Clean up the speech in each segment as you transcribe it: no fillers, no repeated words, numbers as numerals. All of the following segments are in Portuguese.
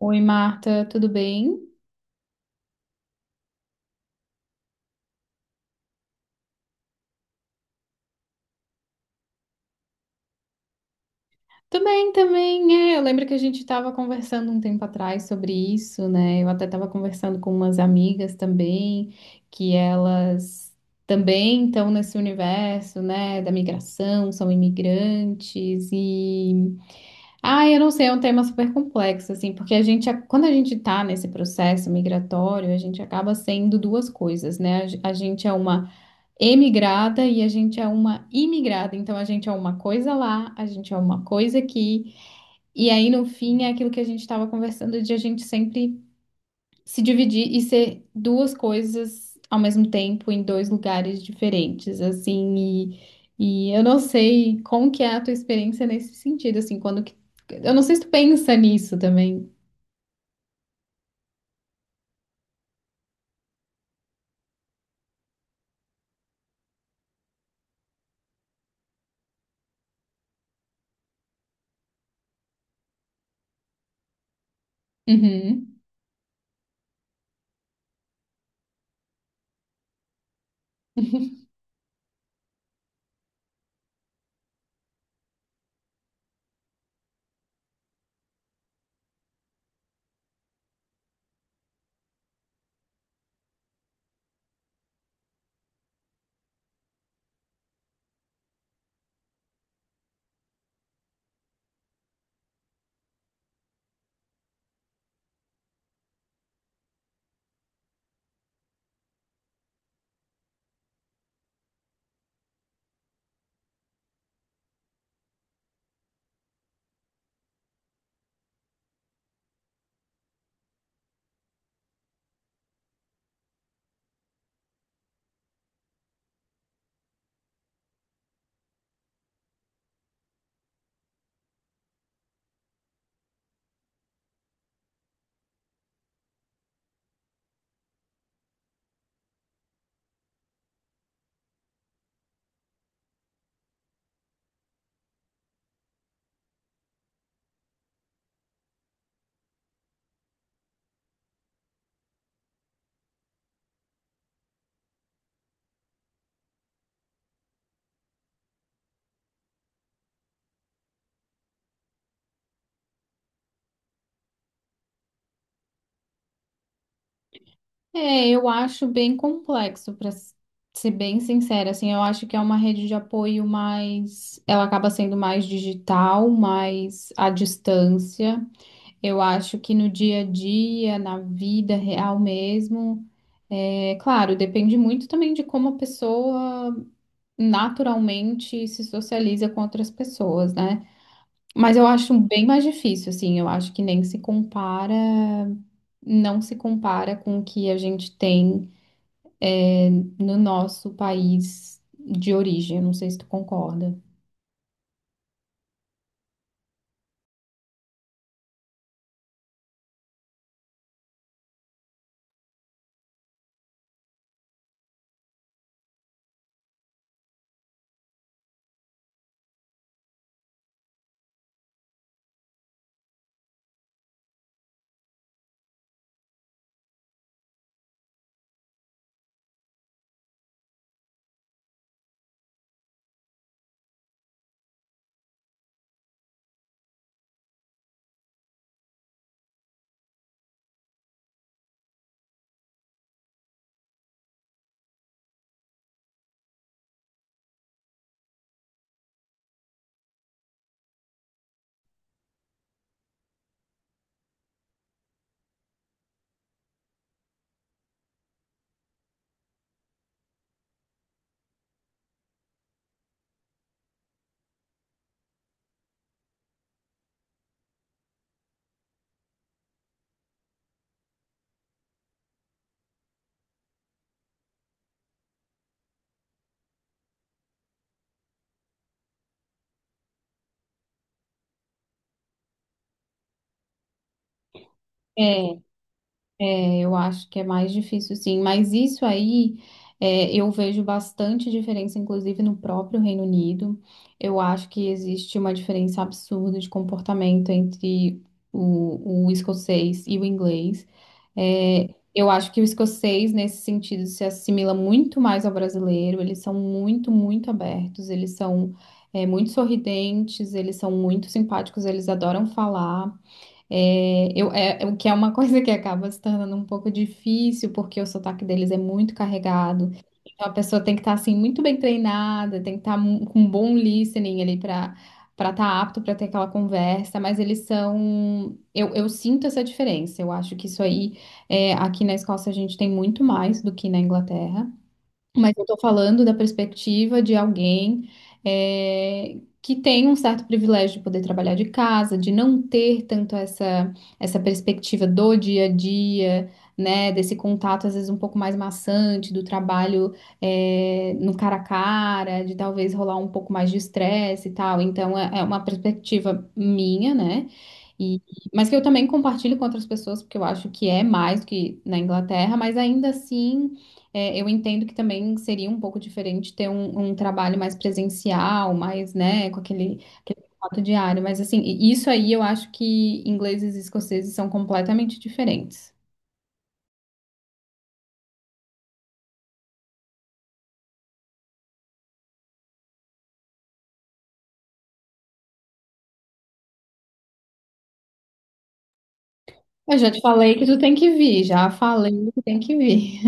Oi, Marta, tudo bem? Também, também, é. Eu lembro que a gente estava conversando um tempo atrás sobre isso, né? Eu até estava conversando com umas amigas também, que elas também estão nesse universo, né, da migração, são imigrantes e... Ah, eu não sei, é um tema super complexo, assim, porque a gente, quando a gente está nesse processo migratório, a gente acaba sendo duas coisas, né? A gente é uma emigrada e a gente é uma imigrada. Então a gente é uma coisa lá, a gente é uma coisa aqui. E aí no fim é aquilo que a gente estava conversando de a gente sempre se dividir e ser duas coisas ao mesmo tempo em dois lugares diferentes, assim. E eu não sei como que é a tua experiência nesse sentido, assim, quando que... Eu não sei se tu pensa nisso também. Uhum. É, eu acho bem complexo, para ser bem sincera, assim, eu acho que é uma rede de apoio mais, ela acaba sendo mais digital, mais à distância. Eu acho que no dia a dia, na vida real mesmo, é claro, depende muito também de como a pessoa naturalmente se socializa com outras pessoas, né? Mas eu acho bem mais difícil, assim, eu acho que nem se compara, não se compara com o que a gente tem no nosso país de origem. Eu não sei se tu concorda. É, é, eu acho que é mais difícil, sim. Mas isso aí, é, eu vejo bastante diferença, inclusive no próprio Reino Unido. Eu acho que existe uma diferença absurda de comportamento entre o escocês e o inglês. É, eu acho que o escocês, nesse sentido, se assimila muito mais ao brasileiro. Eles são muito, muito abertos, eles são, é, muito sorridentes, eles são muito simpáticos, eles adoram falar. É, eu, é, é o que é uma coisa que acaba se tornando um pouco difícil, porque o sotaque deles é muito carregado. Então a pessoa tem que estar assim muito bem treinada, tem que estar com um bom listening ali para estar apto para ter aquela conversa. Mas eles são, eu sinto essa diferença. Eu acho que isso aí é, aqui na Escócia a gente tem muito mais do que na Inglaterra. Mas eu estou falando da perspectiva de alguém que tem um certo privilégio de poder trabalhar de casa, de não ter tanto essa, essa perspectiva do dia a dia, né? Desse contato, às vezes, um pouco mais maçante, do trabalho no cara a cara, de talvez rolar um pouco mais de estresse e tal. Então, é, é uma perspectiva minha, né? E, mas que eu também compartilho com outras pessoas, porque eu acho que é mais do que na Inglaterra, mas ainda assim. É, eu entendo que também seria um pouco diferente ter um trabalho mais presencial, mais, né, com aquele, aquele contato diário, mas assim, isso aí eu acho que ingleses e escoceses são completamente diferentes. Eu já te falei que tu tem que vir, já falei que tem que vir.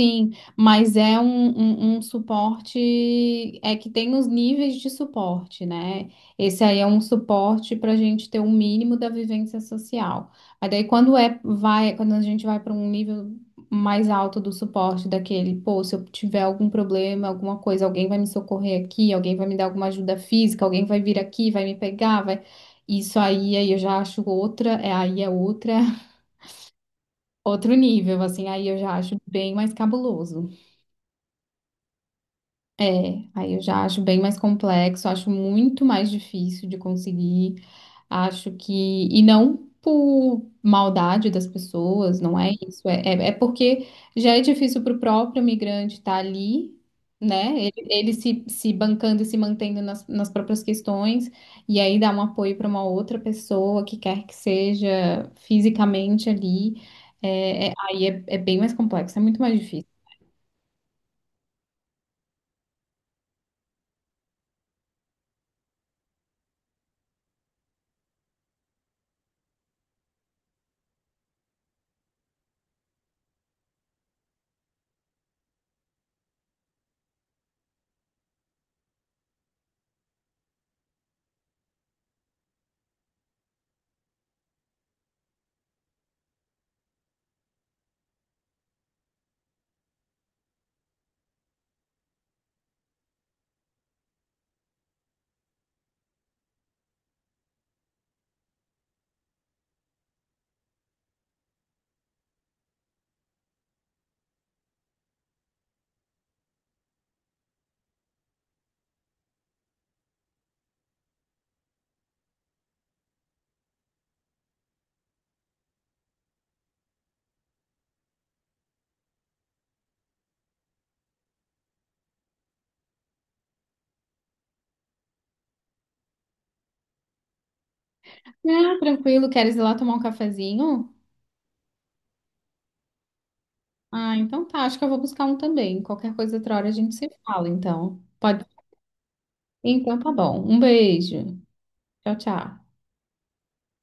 Sim, mas é um suporte, é que tem os níveis de suporte, né? Esse aí é um suporte para a gente ter um mínimo da vivência social. Mas daí quando é, vai, quando a gente vai para um nível mais alto do suporte daquele, pô, se eu tiver algum problema, alguma coisa, alguém vai me socorrer aqui, alguém vai me dar alguma ajuda física, alguém vai vir aqui, vai me pegar, vai. Isso aí, aí eu já acho outra, é, aí é outra, outro nível, assim, aí eu já acho bem mais cabuloso. É, aí eu já acho bem mais complexo, acho muito mais difícil de conseguir, acho que, e não por maldade das pessoas, não é isso, é, é, é porque já é difícil para o próprio migrante estar ali, né? Ele se, se bancando e se mantendo nas, nas próprias questões, e aí dar um apoio para uma outra pessoa que quer que seja fisicamente ali, é, aí é, é bem mais complexo, é muito mais difícil. Ah, tranquilo, queres ir lá tomar um cafezinho? Ah, então tá. Acho que eu vou buscar um também. Qualquer coisa outra hora a gente se fala, então. Pode. Então tá bom. Um beijo. Tchau, tchau.